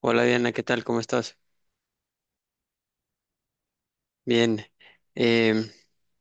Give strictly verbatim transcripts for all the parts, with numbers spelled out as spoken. Hola Diana, ¿qué tal? ¿Cómo estás? Bien, em,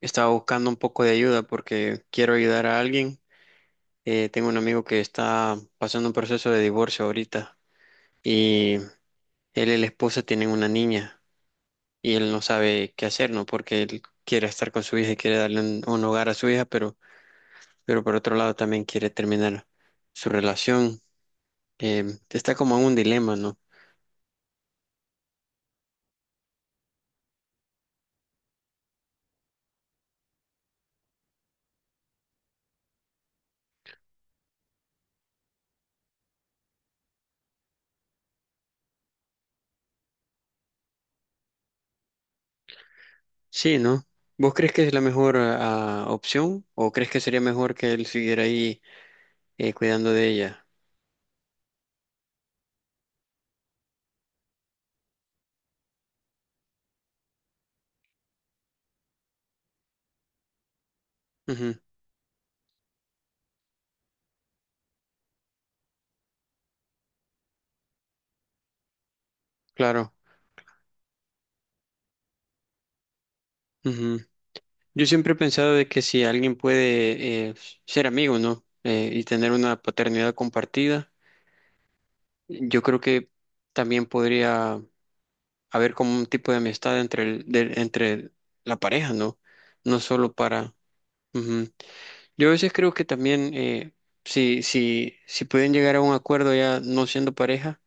estaba buscando un poco de ayuda porque quiero ayudar a alguien. Eh, tengo un amigo que está pasando un proceso de divorcio ahorita y él y la esposa tienen una niña, y él no sabe qué hacer, ¿no? Porque él quiere estar con su hija y quiere darle un, un hogar a su hija, pero, pero por otro lado también quiere terminar su relación. Em, está como en un dilema, ¿no? Sí, ¿no? ¿Vos crees que es la mejor ah, opción o crees que sería mejor que él siguiera ahí, eh, cuidando de ella? Ujú, claro. Ujú. Yo siempre he pensado de que si alguien puede eh, ser amigo, ¿no? Eh, y tener una paternidad compartida, yo creo que también podría haber como un tipo de amistad entre el, de- entre la pareja, ¿no? No solo para... Ujú. Yo a veces creo que también eh, si, si, si pueden llegar a un acuerdo ya no siendo pareja,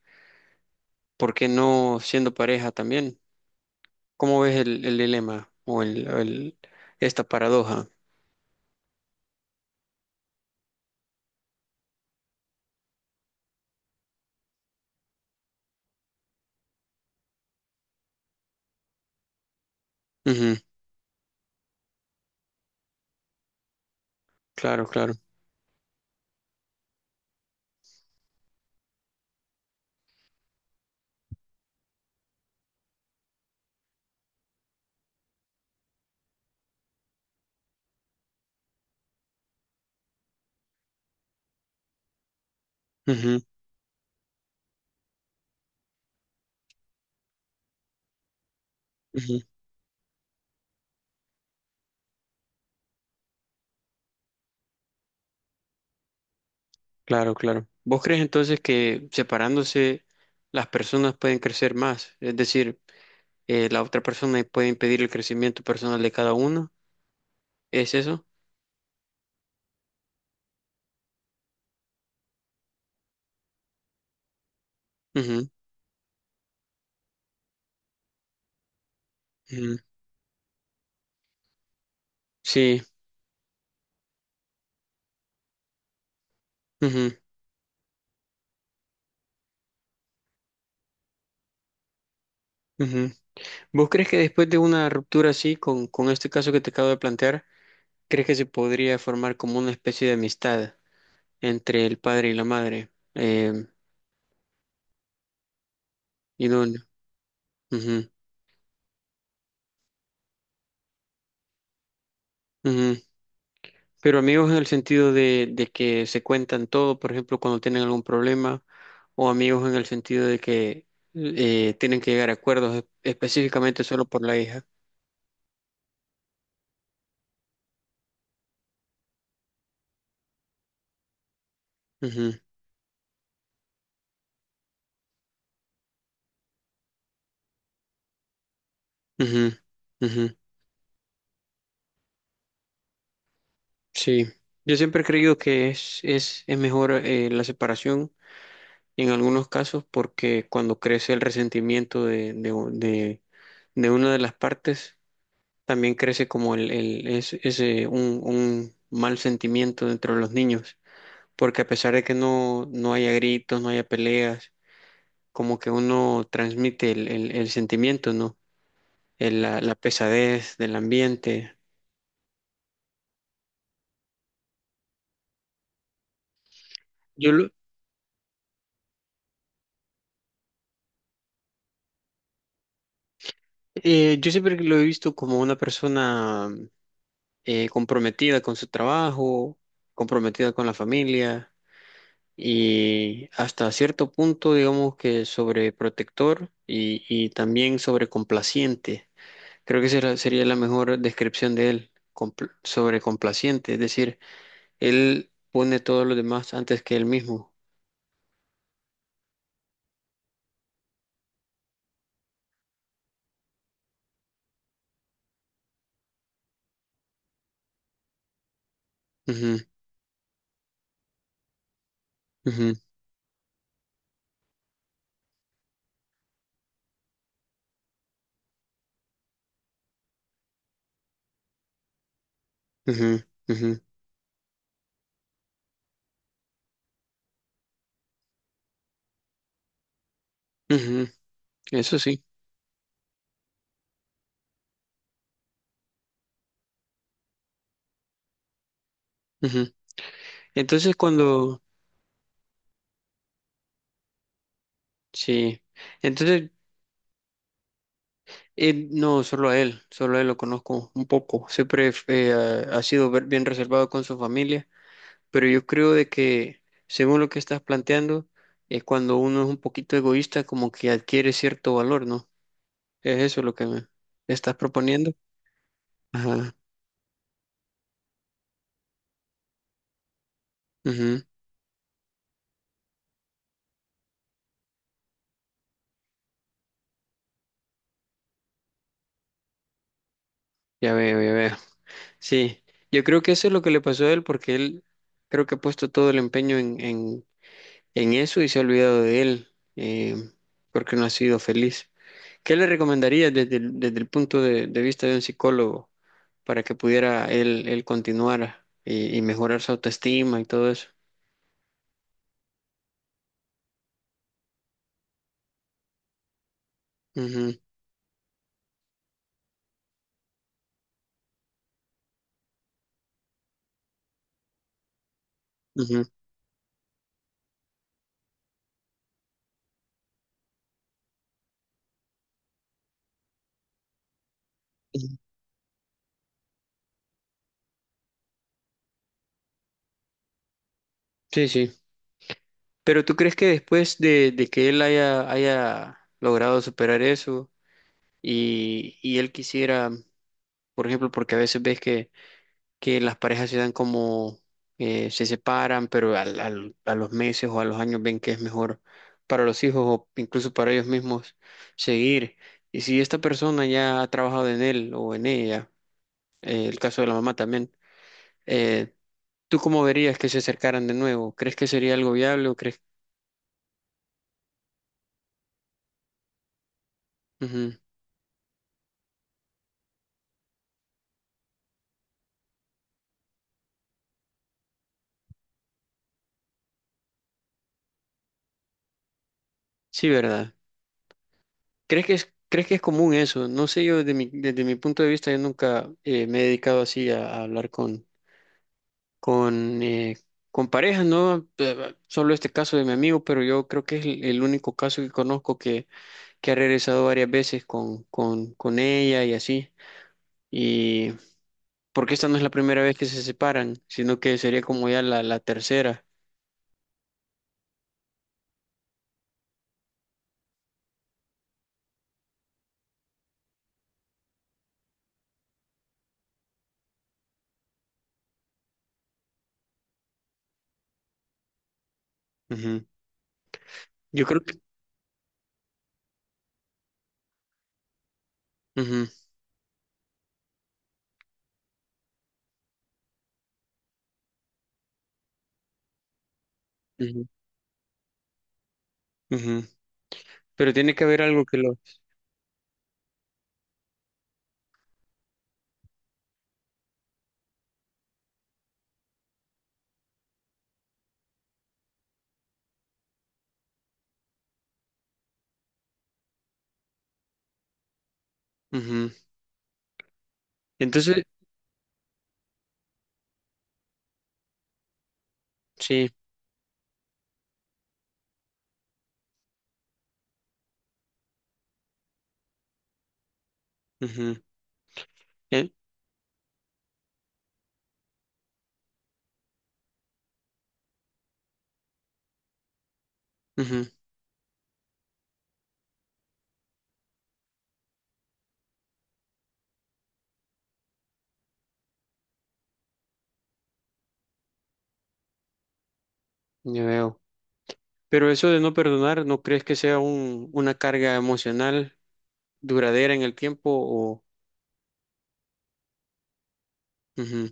¿por qué no siendo pareja también? ¿Cómo ves el, el dilema o el, el- esta paradoja? Ujú, claro, claro. Ujú, ujú, claro, claro. ¿Vos crees entonces que separándose las personas pueden crecer más? Es decir, eh, la otra persona puede impedir el crecimiento personal de cada uno. ¿Es eso? Ujú, ujú, sí. Ujú, ujú. ¿Vos crees que después de una ruptura así, con, con este caso que te acabo de plantear, crees que se podría formar como una especie de amistad entre el padre y la madre? Eh, y no. Ujú, ujú. Pero amigos en el sentido de, de que se cuentan todo, por ejemplo, cuando tienen algún problema, o amigos en el sentido de que eh, tienen que llegar a acuerdos es- específicamente solo por la hija. Ujú, ujú, ujú. Sí, yo siempre he creído que es, es, es mejor eh, la separación en algunos casos porque cuando crece el resentimiento de, de, de, de una de las partes, también crece como el, el- es- ese, un, un mal sentimiento dentro de los niños, porque a pesar de que no, no haya gritos, no haya peleas, como que uno transmite el, el- el sentimiento, ¿no? El- la, la pesadez del ambiente. Yo, lo- eh, yo siempre lo he visto como una persona eh, comprometida con su trabajo, comprometida con la familia. Y hasta cierto punto, digamos que sobreprotector y, y también sobrecomplaciente. Creo que será- sería la mejor descripción de él, compl- sobrecomplaciente, es decir, él pone todos los demás antes que él mismo. Ujú, ujú, ujú, ujú, ujú, eso sí. Ujú. Entonces cuando, sí, entonces eh, no, solo a él, solo a él lo conozco un poco. Siempre eh, ha ha sido ver- bien reservado con su familia, pero yo creo de que, según lo que estás planteando, es cuando uno es un poquito egoísta, como que adquiere cierto valor, ¿no? Es eso lo que me estás proponiendo. Ajá. Ujú, ya veo, ya veo. Sí, yo creo que eso es lo que le pasó a él porque él creo que ha puesto todo el empeño en, en, en eso y se ha olvidado de él, eh, porque no ha sido feliz. ¿Qué le recomendarías desde el, desde el punto de, de vista de un psicólogo para que pudiera él, él continuar y, y mejorar su autoestima y todo eso? Ujú, ujú, ujú. Sí, sí. Pero ¿tú crees que después de, de que él haya, haya logrado superar eso, y, y él quisiera, por ejemplo, porque a veces ves que, que las parejas se dan como, eh, se separan, pero al, al- a los meses o a los años ven que es mejor para los hijos o incluso para ellos mismos seguir? Y si esta persona ya ha trabajado en él o en ella, eh, el caso de la mamá también, eh, ¿tú cómo verías que se acercaran de nuevo? ¿Crees que sería algo viable o crees? Ujú. Sí, ¿verdad? ¿Crees que es, crees que es común eso? No sé, yo desde mi, desde mi punto de vista, yo nunca eh, me he dedicado así a, a hablar con, con, eh, con parejas, ¿no? Eh, solo este caso de mi amigo, pero yo creo que es el, el único caso que conozco que, que ha regresado varias veces con, con, con ella y así. Y porque esta no es la primera vez que se separan, sino que sería como ya la, la tercera. Ujú. Yo creo que... ujú, ujú, ujú. Pero tiene que haber algo que lo... ujú. Entonces, sí. Ujú. E- ujú, ya veo. Pero eso de no perdonar, ¿no crees que sea un, una carga emocional duradera en el tiempo? O... Ujú,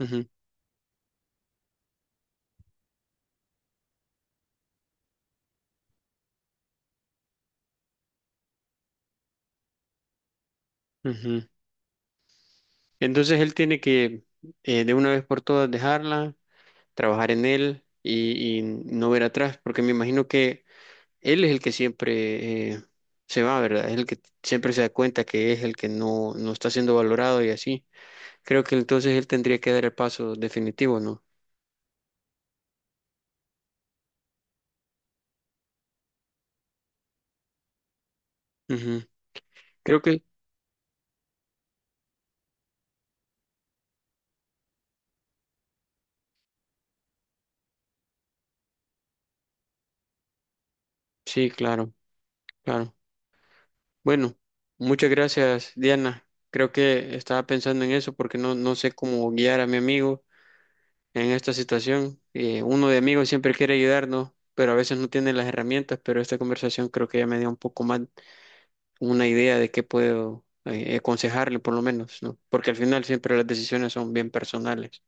ujú, ujú. Entonces él tiene que eh, de una vez por todas dejarla, trabajar en él y, y no ver atrás, porque me imagino que él es el que siempre eh, se va, ¿verdad? Es el que siempre se da cuenta que es el que no, no está siendo valorado y así. Creo que entonces él tendría que dar el paso definitivo, ¿no? Ujú. Creo que sí, claro, claro. Bueno, muchas gracias, Diana. Creo que estaba pensando en eso porque no, no sé cómo guiar a mi amigo en esta situación. Eh, uno de amigos siempre quiere ayudarnos, pero a veces no tiene las herramientas, pero esta conversación creo que ya me dio un poco más una idea de qué puedo eh, aconsejarle por lo menos, ¿no? Porque al final siempre las decisiones son bien personales.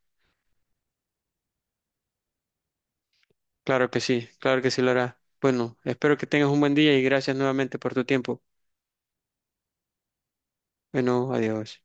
Claro que sí, claro que sí lo hará. Bueno, espero que tengas un buen día y gracias nuevamente por tu tiempo. Bueno, adiós.